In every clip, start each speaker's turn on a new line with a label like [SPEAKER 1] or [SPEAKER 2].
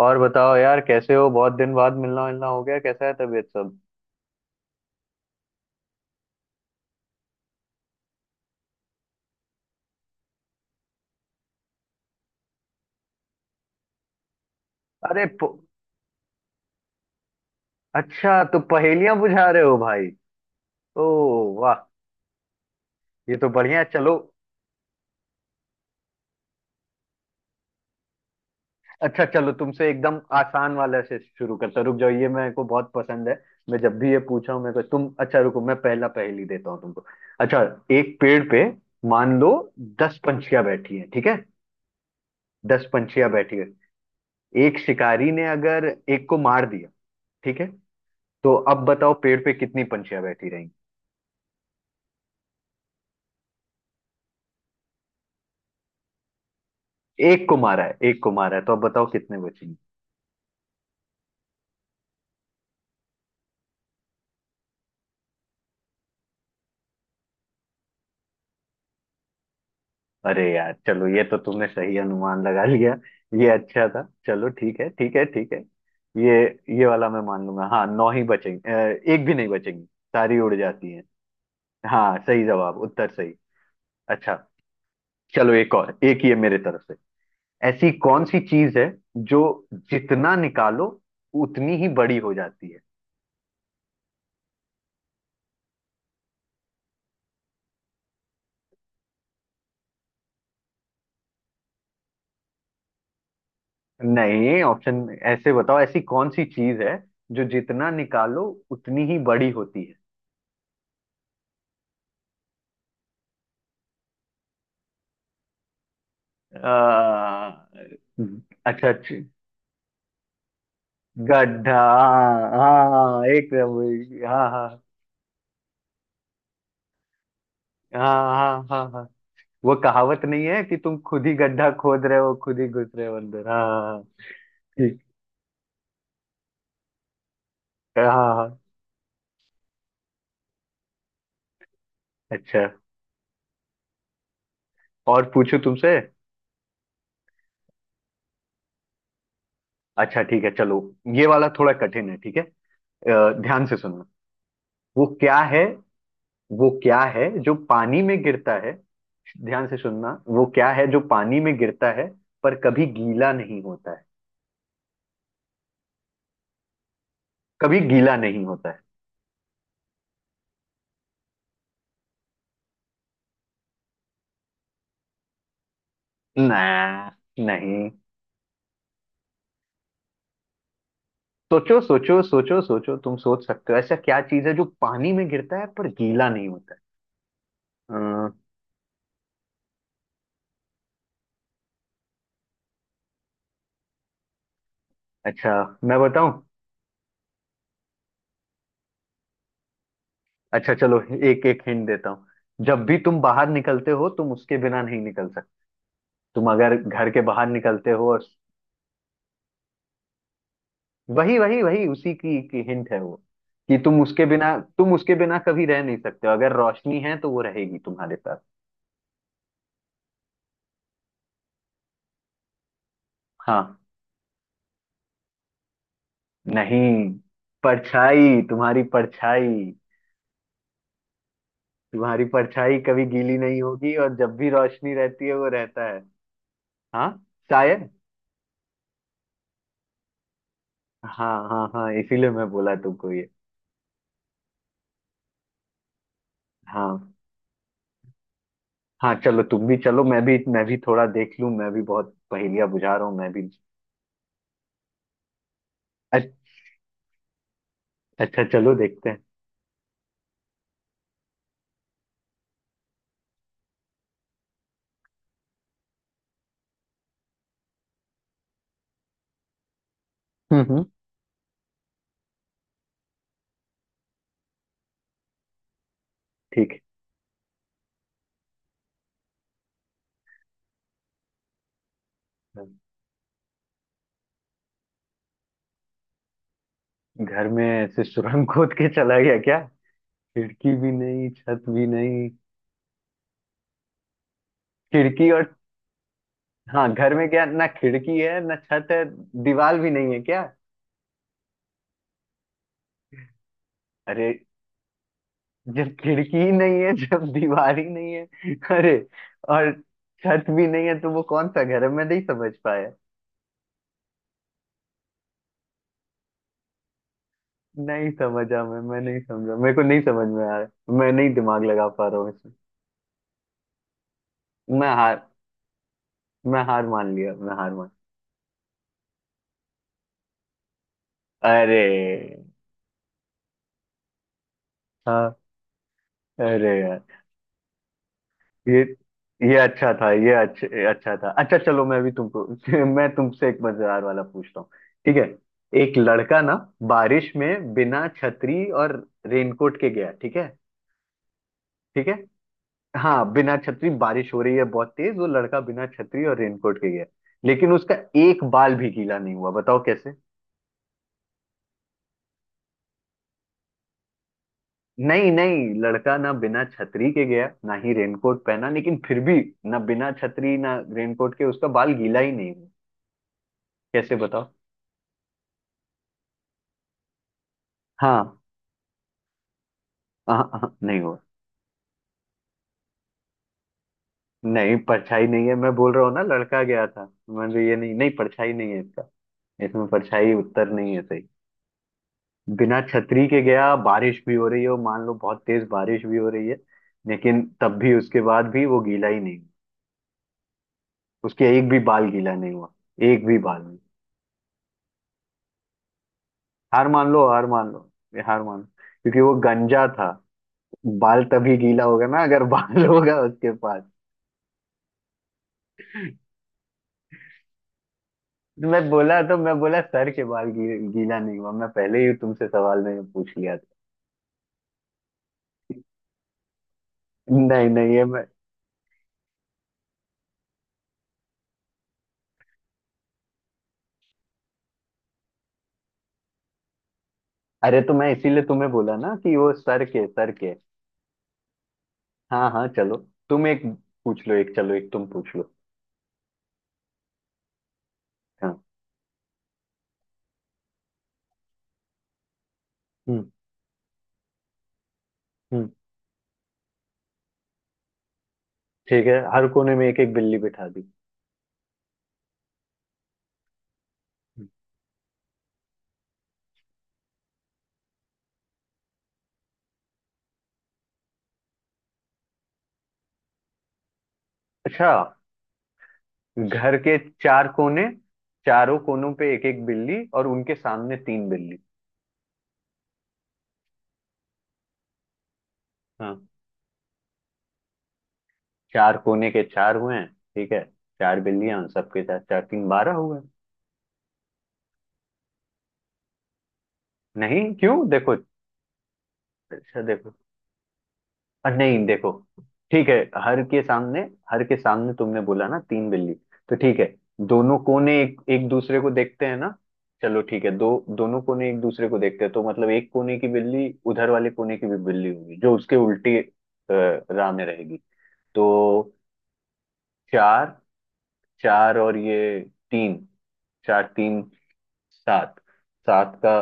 [SPEAKER 1] और बताओ यार, कैसे हो? बहुत दिन बाद मिलना मिलना हो गया। कैसा है तबीयत सब? अरे प... अच्छा, तो पहेलियां बुझा रहे हो भाई? ओ, वाह! ये तो बढ़िया है, चलो। अच्छा चलो, तुमसे एकदम आसान वाले से शुरू करता हूं। रुक जाओ, ये मेरे को बहुत पसंद है। मैं जब भी ये पूछा हूं मेरे को, तुम अच्छा रुको, मैं पहला पहेली देता हूँ तुमको। अच्छा, एक पेड़ पे मान लो 10 पंछियां बैठी हैं, ठीक है? 10 पंछियां बैठी हैं। एक शिकारी ने अगर एक को मार दिया, ठीक है? तो अब बताओ पेड़ पे कितनी पंछियां बैठी? एक को मारा है, एक को मारा है, तो अब बताओ कितने बचेंगे? अरे यार, चलो, ये तो तुमने सही अनुमान लगा लिया। ये अच्छा था। चलो, ठीक है ठीक है ठीक है। ये ये वाला मैं मान लूंगा। हाँ, नौ ही बचेंगे। एक भी नहीं बचेंगी, सारी उड़ जाती हैं। हाँ, सही जवाब, उत्तर सही। अच्छा चलो, एक और, एक ये मेरे तरफ से। ऐसी कौन सी चीज है जो जितना निकालो उतनी ही बड़ी हो जाती है? नहीं, ऑप्शन ऐसे बताओ, ऐसी कौन सी चीज है जो जितना निकालो उतनी ही बड़ी होती है? आ, अच्छा अच्छा, गड्ढा। हाँ हाँ हाँ, हाँ, एक। हाँ हाँ हाँ हाँ। हाँ हाँ, वो कहावत नहीं है कि तुम खुद ही गड्ढा खोद रहे हो, खुद ही घुस रहे हो अंदर। हाँ हाँ हाँ, ठीक है, हाँ हाँ। अच्छा, और पूछूं तुमसे? अच्छा ठीक है चलो, ये वाला थोड़ा कठिन है, ठीक है। ध्यान से सुनना। वो क्या है? वो क्या है जो पानी में गिरता है? ध्यान से सुनना, वो क्या है जो पानी में गिरता है पर कभी गीला नहीं होता है? कभी गीला नहीं होता है। ना, नहीं। सोचो सोचो सोचो सोचो, तुम सोच सकते हो ऐसा क्या चीज है जो पानी में गिरता है पर गीला नहीं होता है? अ, अच्छा, मैं बताऊं? अच्छा चलो, एक एक हिंट देता हूँ। जब भी तुम बाहर निकलते हो, तुम उसके बिना नहीं निकल सकते। तुम अगर घर के बाहर निकलते हो और वही वही वही उसी की हिंट है वो। कि तुम उसके बिना, कभी रह नहीं सकते हो। अगर रोशनी है तो वो रहेगी तुम्हारे साथ। हाँ, नहीं, परछाई, तुम्हारी परछाई। तुम्हारी परछाई कभी गीली नहीं होगी, और जब भी रोशनी रहती है वो रहता है। हाँ, शायद। हाँ हाँ हाँ, इसीलिए मैं बोला तुमको ये। हाँ, हाँ चलो, तुम भी चलो, मैं भी, थोड़ा देख लूं। मैं भी बहुत पहेलियां बुझा रहा हूँ मैं भी। अच्छ- अच्छा चलो, देखते हैं। हम्म, ठीक है। घर में ऐसे सुरंग खोद के चला गया क्या? खिड़की भी नहीं, छत भी नहीं? खिड़की, और हाँ, घर में क्या ना खिड़की है ना छत है? दीवार भी नहीं है क्या? अरे, जब खिड़की ही नहीं है, जब दीवार ही नहीं है, अरे, और छत भी नहीं है, तो वो कौन सा घर है? मैं नहीं समझ पाया। नहीं समझा, मैं नहीं समझा, मेरे को नहीं समझ में आ रहा, मैं नहीं दिमाग लगा पा रहा हूँ इसमें। मैं हार मैं हार मान लिया, मैं हार मान। अरे, हाँ, अरे यार, ये ये अच्छा था, ये अच्छा अच्छा था। अच्छा चलो, मैं भी तुमको मैं तुमसे एक मजेदार वाला पूछता हूँ, ठीक है? एक लड़का ना बारिश में बिना छतरी और रेनकोट के गया, ठीक है? ठीक है, हाँ, बिना छतरी, बारिश हो रही है बहुत तेज, वो लड़का बिना छतरी और रेनकोट के गया, लेकिन उसका एक बाल भी गीला नहीं हुआ। बताओ कैसे? नहीं नहीं, लड़का ना बिना छतरी के गया, ना ही रेनकोट पहना, लेकिन फिर भी, ना बिना छतरी ना रेनकोट के, उसका बाल गीला ही नहीं हुआ। कैसे बताओ? हाँ हाँ, हाँ, नहीं हुआ। नहीं, परछाई नहीं है, मैं बोल रहा हूँ ना, लड़का गया था। मैं तो ये नहीं, नहीं परछाई नहीं है इसका। इसमें परछाई उत्तर नहीं है सही। बिना छतरी के गया, बारिश भी हो रही हो मान लो, बहुत तेज बारिश भी हो रही है, लेकिन तब भी, उसके बाद भी, वो गीला ही नहीं। उसके एक भी बाल गीला नहीं हुआ। एक भी बाल नहीं। हार मान लो, हार मान लो, ये हार मान लो। क्योंकि वो गंजा था। बाल तभी गीला होगा ना अगर बाल होगा उसके पास। मैं बोला, तो मैं बोला सर के बाल गीला नहीं हुआ, मैं पहले ही तुमसे सवाल मैंने पूछ लिया था। नहीं नहीं ये मैं अरे, तो मैं इसीलिए तुम्हें बोला ना कि वो सर के, सर के। हाँ हाँ चलो, तुम एक पूछ लो, एक चलो, एक तुम पूछ लो। हाँ। हम्म हम्म, ठीक है, हर कोने में एक एक बिल्ली बिठा दी। अच्छा, घर के चार कोने, चारों कोनों पे एक एक बिल्ली, और उनके सामने तीन बिल्ली। हाँ, चार कोने के चार हुए हैं, ठीक है, चार बिल्लियां सबके साथ, चार तीन 12 हुए हैं। नहीं क्यों, देखो अच्छा, देखो, नहीं देखो, ठीक है, हर के सामने, हर के सामने तुमने बोला ना तीन बिल्ली, तो ठीक है, दोनों कोने एक एक दूसरे को देखते हैं ना। चलो ठीक है, दो दोनों कोने एक दूसरे को देखते हैं, तो मतलब एक कोने की बिल्ली उधर वाले कोने की भी बिल्ली होगी जो उसके उल्टी राह में रहेगी। तो चार, चार और ये तीन, चार तीन सात, सात का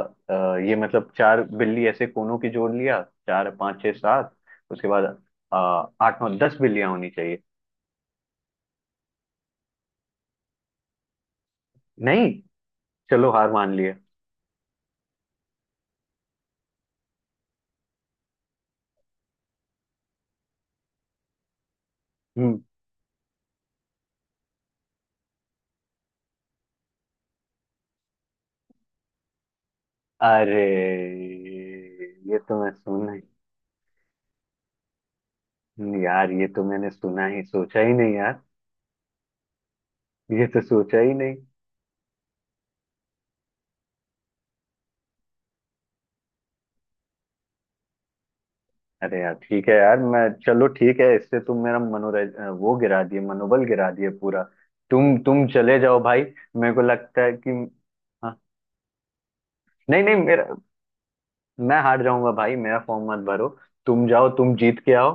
[SPEAKER 1] ये मतलब चार बिल्ली ऐसे कोनों की जोड़ लिया, चार पाँच छः सात, उसके बाद अ, आठ नौ 10 बिल्लियां होनी चाहिए। नहीं, चलो हार मान लिए। हम्म, अरे ये तो मैं सुना ही, यार ये तो मैंने सुना ही, सोचा ही नहीं यार, ये तो सोचा ही नहीं। अरे यार ठीक है यार, मैं, चलो ठीक है, इससे तुम मेरा मनोरंज वो गिरा दिए, मनोबल गिरा दिए पूरा। तुम चले जाओ भाई। मेरे को लगता है कि, हाँ, नहीं नहीं मेरा मैं हार जाऊंगा भाई, मेरा फॉर्म मत भरो। तुम जाओ, तुम जीत के आओ।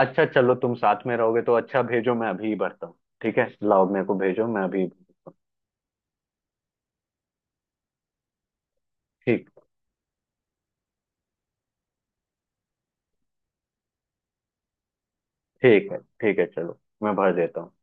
[SPEAKER 1] अच्छा चलो, तुम साथ में रहोगे तो अच्छा, भेजो, मैं अभी ही भरता हूँ। ठीक है, लाओ, मेरे को भेजो, मैं अभी, ठीक, ठीक है, ठीक है चलो, मैं भर देता हूँ।